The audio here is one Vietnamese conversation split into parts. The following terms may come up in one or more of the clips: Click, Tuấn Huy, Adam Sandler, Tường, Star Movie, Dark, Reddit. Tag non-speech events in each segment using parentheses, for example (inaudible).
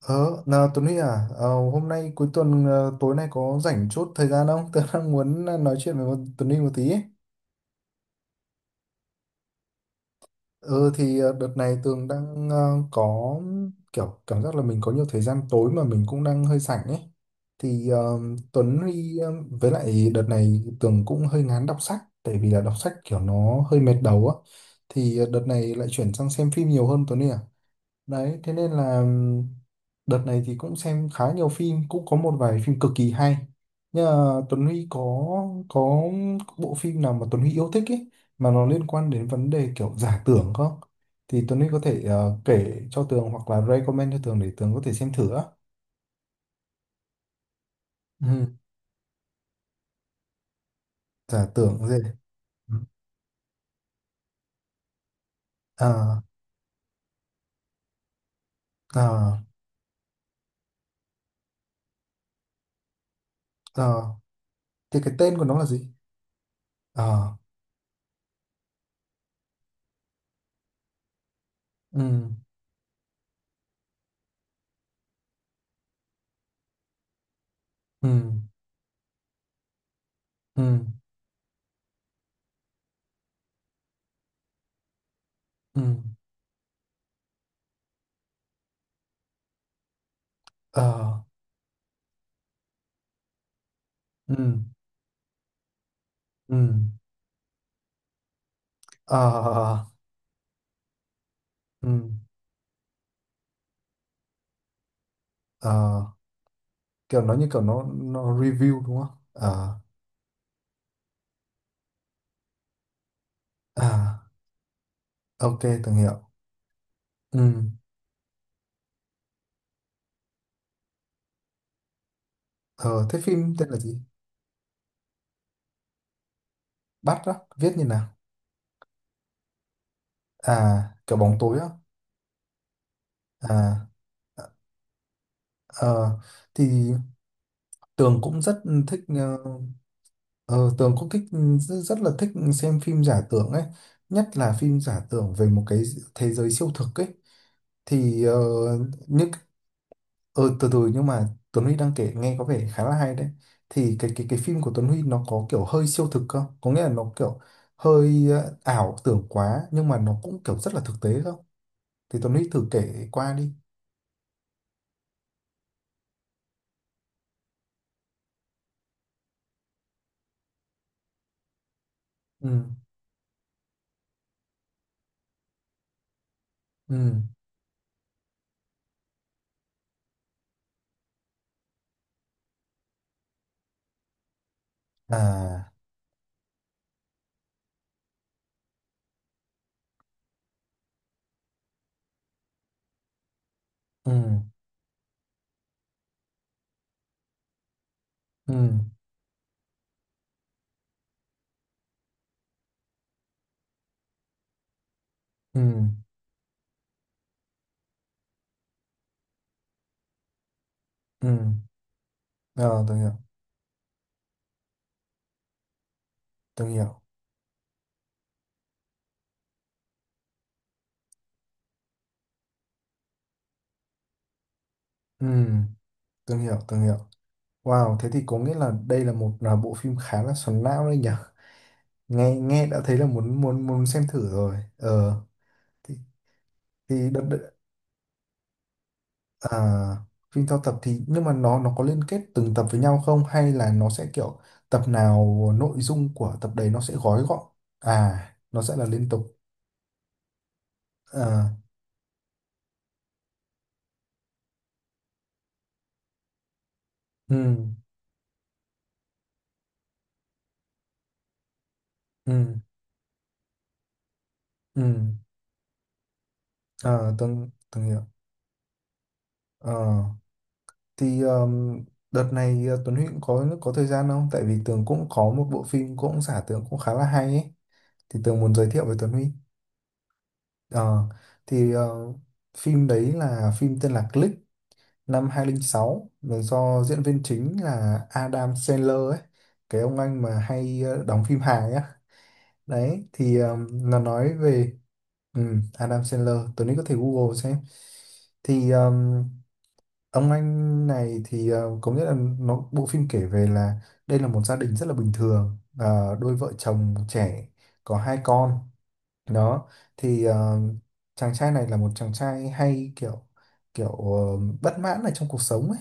Ờ, nào Tuấn Huy à, hôm nay cuối tuần, tối nay có rảnh chốt thời gian không? (laughs) Tớ đang muốn nói chuyện với Tuấn Huy một tí ấy. Ờ thì đợt này Tường đang có kiểu cảm giác là mình có nhiều thời gian tối mà mình cũng đang hơi rảnh ấy. Thì Tuấn Huy, với lại đợt này Tường cũng hơi ngán đọc sách tại vì là đọc sách kiểu nó hơi mệt đầu á. Thì đợt này lại chuyển sang xem phim nhiều hơn Tuấn Huy à? Đấy thế nên là đợt này thì cũng xem khá nhiều phim, cũng có một vài phim cực kỳ hay, nhưng mà Tuấn Huy có bộ phim nào mà Tuấn Huy yêu thích ấy, mà nó liên quan đến vấn đề kiểu giả tưởng không, thì Tuấn Huy có thể kể cho Tường hoặc là recommend cho Tường để Tường có thể xem thử á? Ừ. Giả tưởng gì? Ừ. À. À. À. Thì cái tên của nó là gì? À. Ừ. Ừ. Ừ. Ừ. À. Ừ. Ừ. À. Ừ. Ờ, kiểu nó như kiểu nó review đúng không? Ờ, À, ok, từng hiểu. Ừ. Ờ, thế phim tên là gì? Bắt á, viết như nào? À, kiểu bóng tối á. À, ờ, thì Tường cũng rất thích, ờ, Tường cũng thích, rất, rất là thích xem phim giả tưởng ấy, nhất là phim giả tưởng về một cái thế giới siêu thực ấy. Thì những... Ừ, từ từ nhưng mà Tuấn Huy đang kể nghe có vẻ khá là hay đấy. Thì cái phim của Tuấn Huy nó có kiểu hơi siêu thực không? Có nghĩa là nó kiểu hơi ảo tưởng quá, nhưng mà nó cũng kiểu rất là thực tế không? Thì Tuấn Huy thử kể qua đi. Ừ. Ừ. À. Ừ. Ừ. Ừ. Ừ. Ờ, tôi hiểu, tôi hiểu. Ừ, tôi hiểu, tôi hiểu. Wow, thế thì có nghĩa là đây là một là bộ phim khá là xoắn não đấy nhỉ? Nghe nghe đã thấy là muốn muốn muốn xem thử rồi. Ờ. thì thì đợt, À, phim theo tập thì nhưng mà nó có liên kết từng tập với nhau không, hay là nó sẽ kiểu tập nào nội dung của tập đấy nó sẽ gói gọn? À, nó sẽ là liên tục? À. Ừ. Ừ. Ừ. À. Tuấn Tuấn hiểu. Ờ, thì đợt này Tuấn Huy cũng có thời gian không, tại vì Tường cũng có một bộ phim cũng giả tưởng cũng khá là hay ấy, thì Tường muốn giới thiệu với Tuấn Huy. Ờ, thì phim đấy là phim tên là Click, năm 2006, là do diễn viên chính là Adam Sandler ấy, cái ông anh mà hay đóng phim hài á. Đấy thì nó nói về, ừ, Adam Sandler, tối nay có thể Google xem. Thì ông anh này thì có nghĩa là nó bộ phim kể về là đây là một gia đình rất là bình thường, đôi vợ chồng trẻ có hai con. Đó thì chàng trai này là một chàng trai hay kiểu kiểu bất mãn ở trong cuộc sống ấy.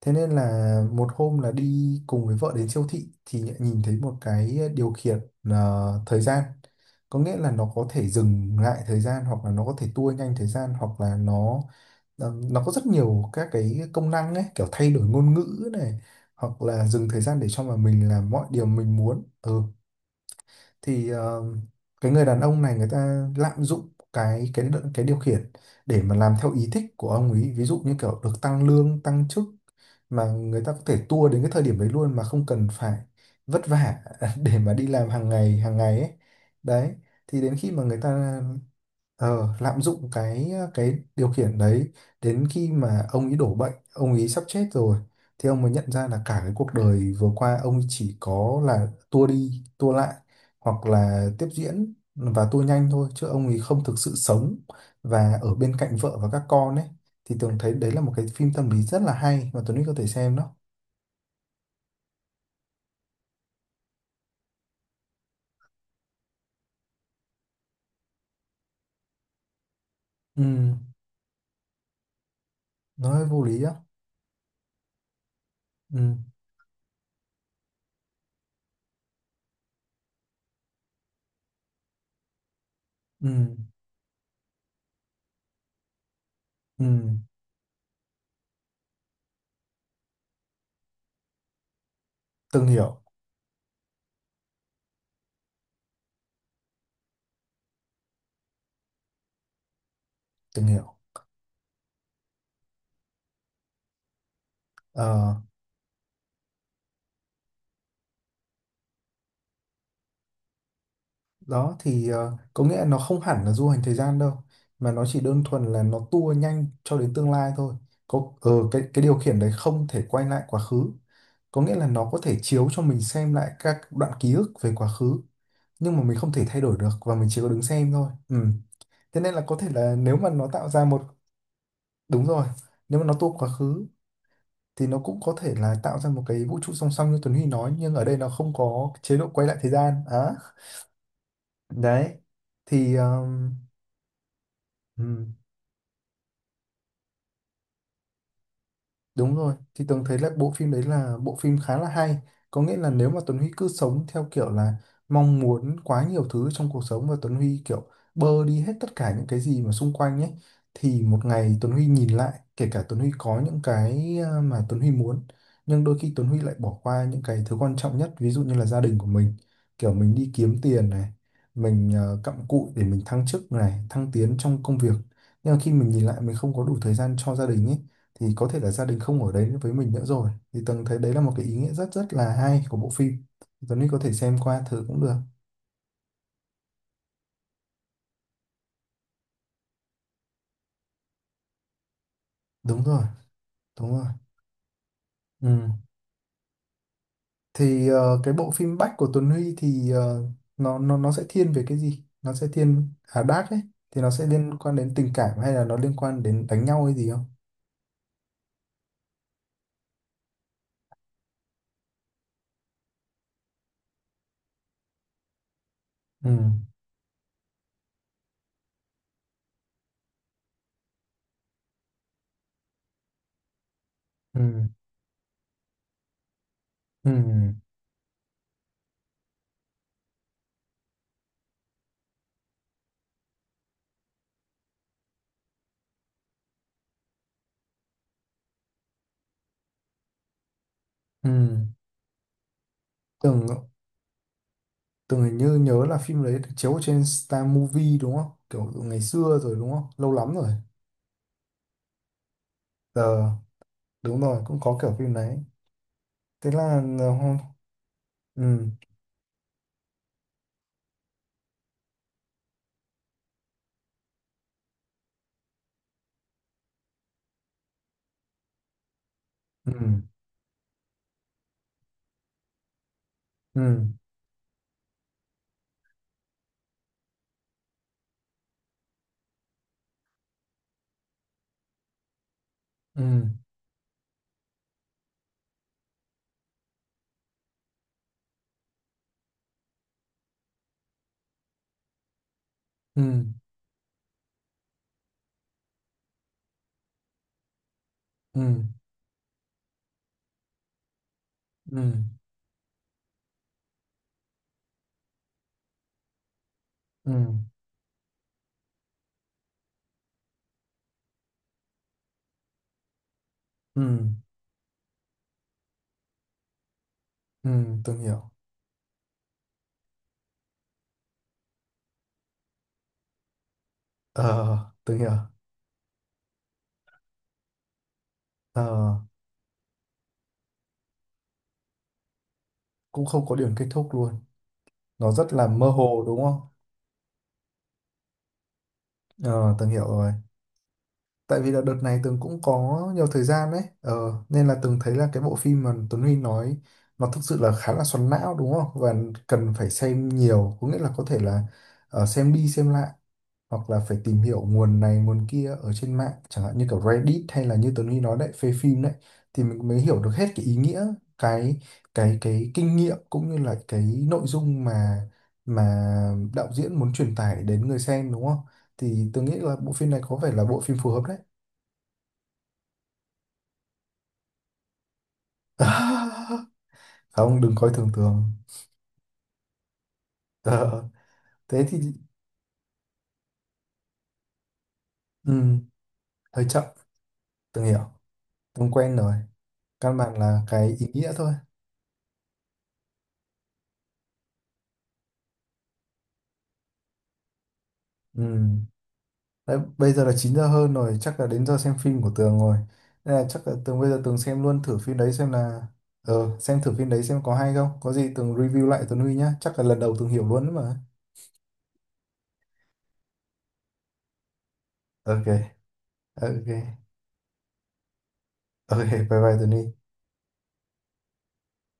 Thế nên là một hôm là đi cùng với vợ đến siêu thị thì lại nhìn thấy một cái điều khiển thời gian. Có nghĩa là nó có thể dừng lại thời gian, hoặc là nó có thể tua nhanh thời gian, hoặc là nó có rất nhiều các cái công năng ấy, kiểu thay đổi ngôn ngữ này hoặc là dừng thời gian để cho mà mình làm mọi điều mình muốn. Ừ, thì cái người đàn ông này người ta lạm dụng cái điều khiển để mà làm theo ý thích của ông ấy, ví dụ như kiểu được tăng lương tăng chức mà người ta có thể tua đến cái thời điểm đấy luôn mà không cần phải vất vả (laughs) để mà đi làm hàng ngày ấy. Đấy thì đến khi mà người ta lạm dụng cái điều khiển đấy, đến khi mà ông ấy đổ bệnh ông ấy sắp chết rồi, thì ông mới nhận ra là cả cái cuộc đời vừa qua ông ấy chỉ có là tua đi tua lại hoặc là tiếp diễn và tua nhanh thôi, chứ ông ấy không thực sự sống và ở bên cạnh vợ và các con ấy. Thì Tường thấy đấy là một cái phim tâm lý rất là hay mà Tuấn Huy có thể xem đó. Ừ, nó hơi vô lý á. Ừ. Ừ. Ừ. Tường hiểu. Tường hiểu. Ờ, Đó thì có nghĩa là nó không hẳn là du hành thời gian đâu mà nó chỉ đơn thuần là nó tua nhanh cho đến tương lai thôi. Có cái điều khiển đấy không thể quay lại quá khứ. Có nghĩa là nó có thể chiếu cho mình xem lại các đoạn ký ức về quá khứ nhưng mà mình không thể thay đổi được và mình chỉ có đứng xem thôi. Ừ. Thế nên là có thể là nếu mà nó tạo ra một... đúng rồi, nếu mà nó tua quá khứ thì nó cũng có thể là tạo ra một cái vũ trụ song song như Tuấn Huy nói, nhưng ở đây nó không có chế độ quay lại thời gian á. Đấy thì... Ừ, đúng rồi, thì Tường thấy là bộ phim đấy là bộ phim khá là hay. Có nghĩa là nếu mà Tuấn Huy cứ sống theo kiểu là mong muốn quá nhiều thứ trong cuộc sống và Tuấn Huy kiểu bơ đi hết tất cả những cái gì mà xung quanh ấy, thì một ngày Tuấn Huy nhìn lại, kể cả Tuấn Huy có những cái mà Tuấn Huy muốn, nhưng đôi khi Tuấn Huy lại bỏ qua những cái thứ quan trọng nhất ví dụ như là gia đình của mình, kiểu mình đi kiếm tiền này, mình cặm cụi để mình thăng chức này thăng tiến trong công việc, nhưng mà khi mình nhìn lại mình không có đủ thời gian cho gia đình ấy, thì có thể là gia đình không ở đấy với mình nữa rồi. Thì Tường thấy đấy là một cái ý nghĩa rất rất là hay của bộ phim, Tuấn Linh có thể xem qua thử cũng được. Đúng rồi. Đúng rồi. Ừ. Thì cái bộ phim Bách của Tuấn Huy thì nó sẽ thiên về cái gì, nó sẽ thiên à Dark ấy, thì nó sẽ liên quan đến tình cảm hay là nó liên quan đến đánh nhau hay gì không? Ừ. Ừ. Ừ. Ừ. tưởng Tường hình như nhớ là phim đấy được chiếu trên Star Movie đúng không, kiểu ngày xưa rồi, đúng không, lâu lắm rồi. Ờ đúng rồi, cũng có kiểu phim đấy. Thế là hôm... Ừ. Ừ. Ừ. Ừ. Ừ. Ừ. Ừ. Ừ. Ừ. Ừ. Từng hiểu. Ờ, từng hiểu. ờ cũng không có điểm kết thúc luôn, nó rất là mơ hồ, đúng không? Ờ, từng hiểu rồi. Tại vì là đợt này từng cũng có nhiều thời gian đấy, nên là từng thấy là cái bộ phim mà Tuấn Huy nói nó thực sự là khá là xoắn não đúng không, và cần phải xem nhiều, có nghĩa là có thể là xem đi xem lại hoặc là phải tìm hiểu nguồn này nguồn kia ở trên mạng, chẳng hạn như kiểu Reddit hay là như Tuấn Huy nói đấy, phê phim đấy, thì mình mới hiểu được hết cái ý nghĩa, cái cái kinh nghiệm cũng như là cái nội dung mà mà đạo diễn muốn truyền tải đến người xem đúng không. Thì tôi nghĩ là bộ phim này có vẻ là bộ phim phù hợp đấy. (laughs) Không, đừng coi thường thường. (laughs) Ờ, thế thì ừ, hơi chậm, tôi hiểu, tôi quen rồi, căn bản là cái ý nghĩa thôi. Ừ. Đấy, bây giờ là 9 giờ hơn rồi, chắc là đến giờ xem phim của Tường rồi. Nên là chắc là Tường bây giờ Tường xem luôn thử phim đấy xem là... xem thử phim đấy xem có hay không. Có gì Tường review lại Tuấn Huy nhá. Chắc là lần đầu Tường hiểu luôn đấy mà. Ok, ok. Ok, bye bye Tuấn Huy.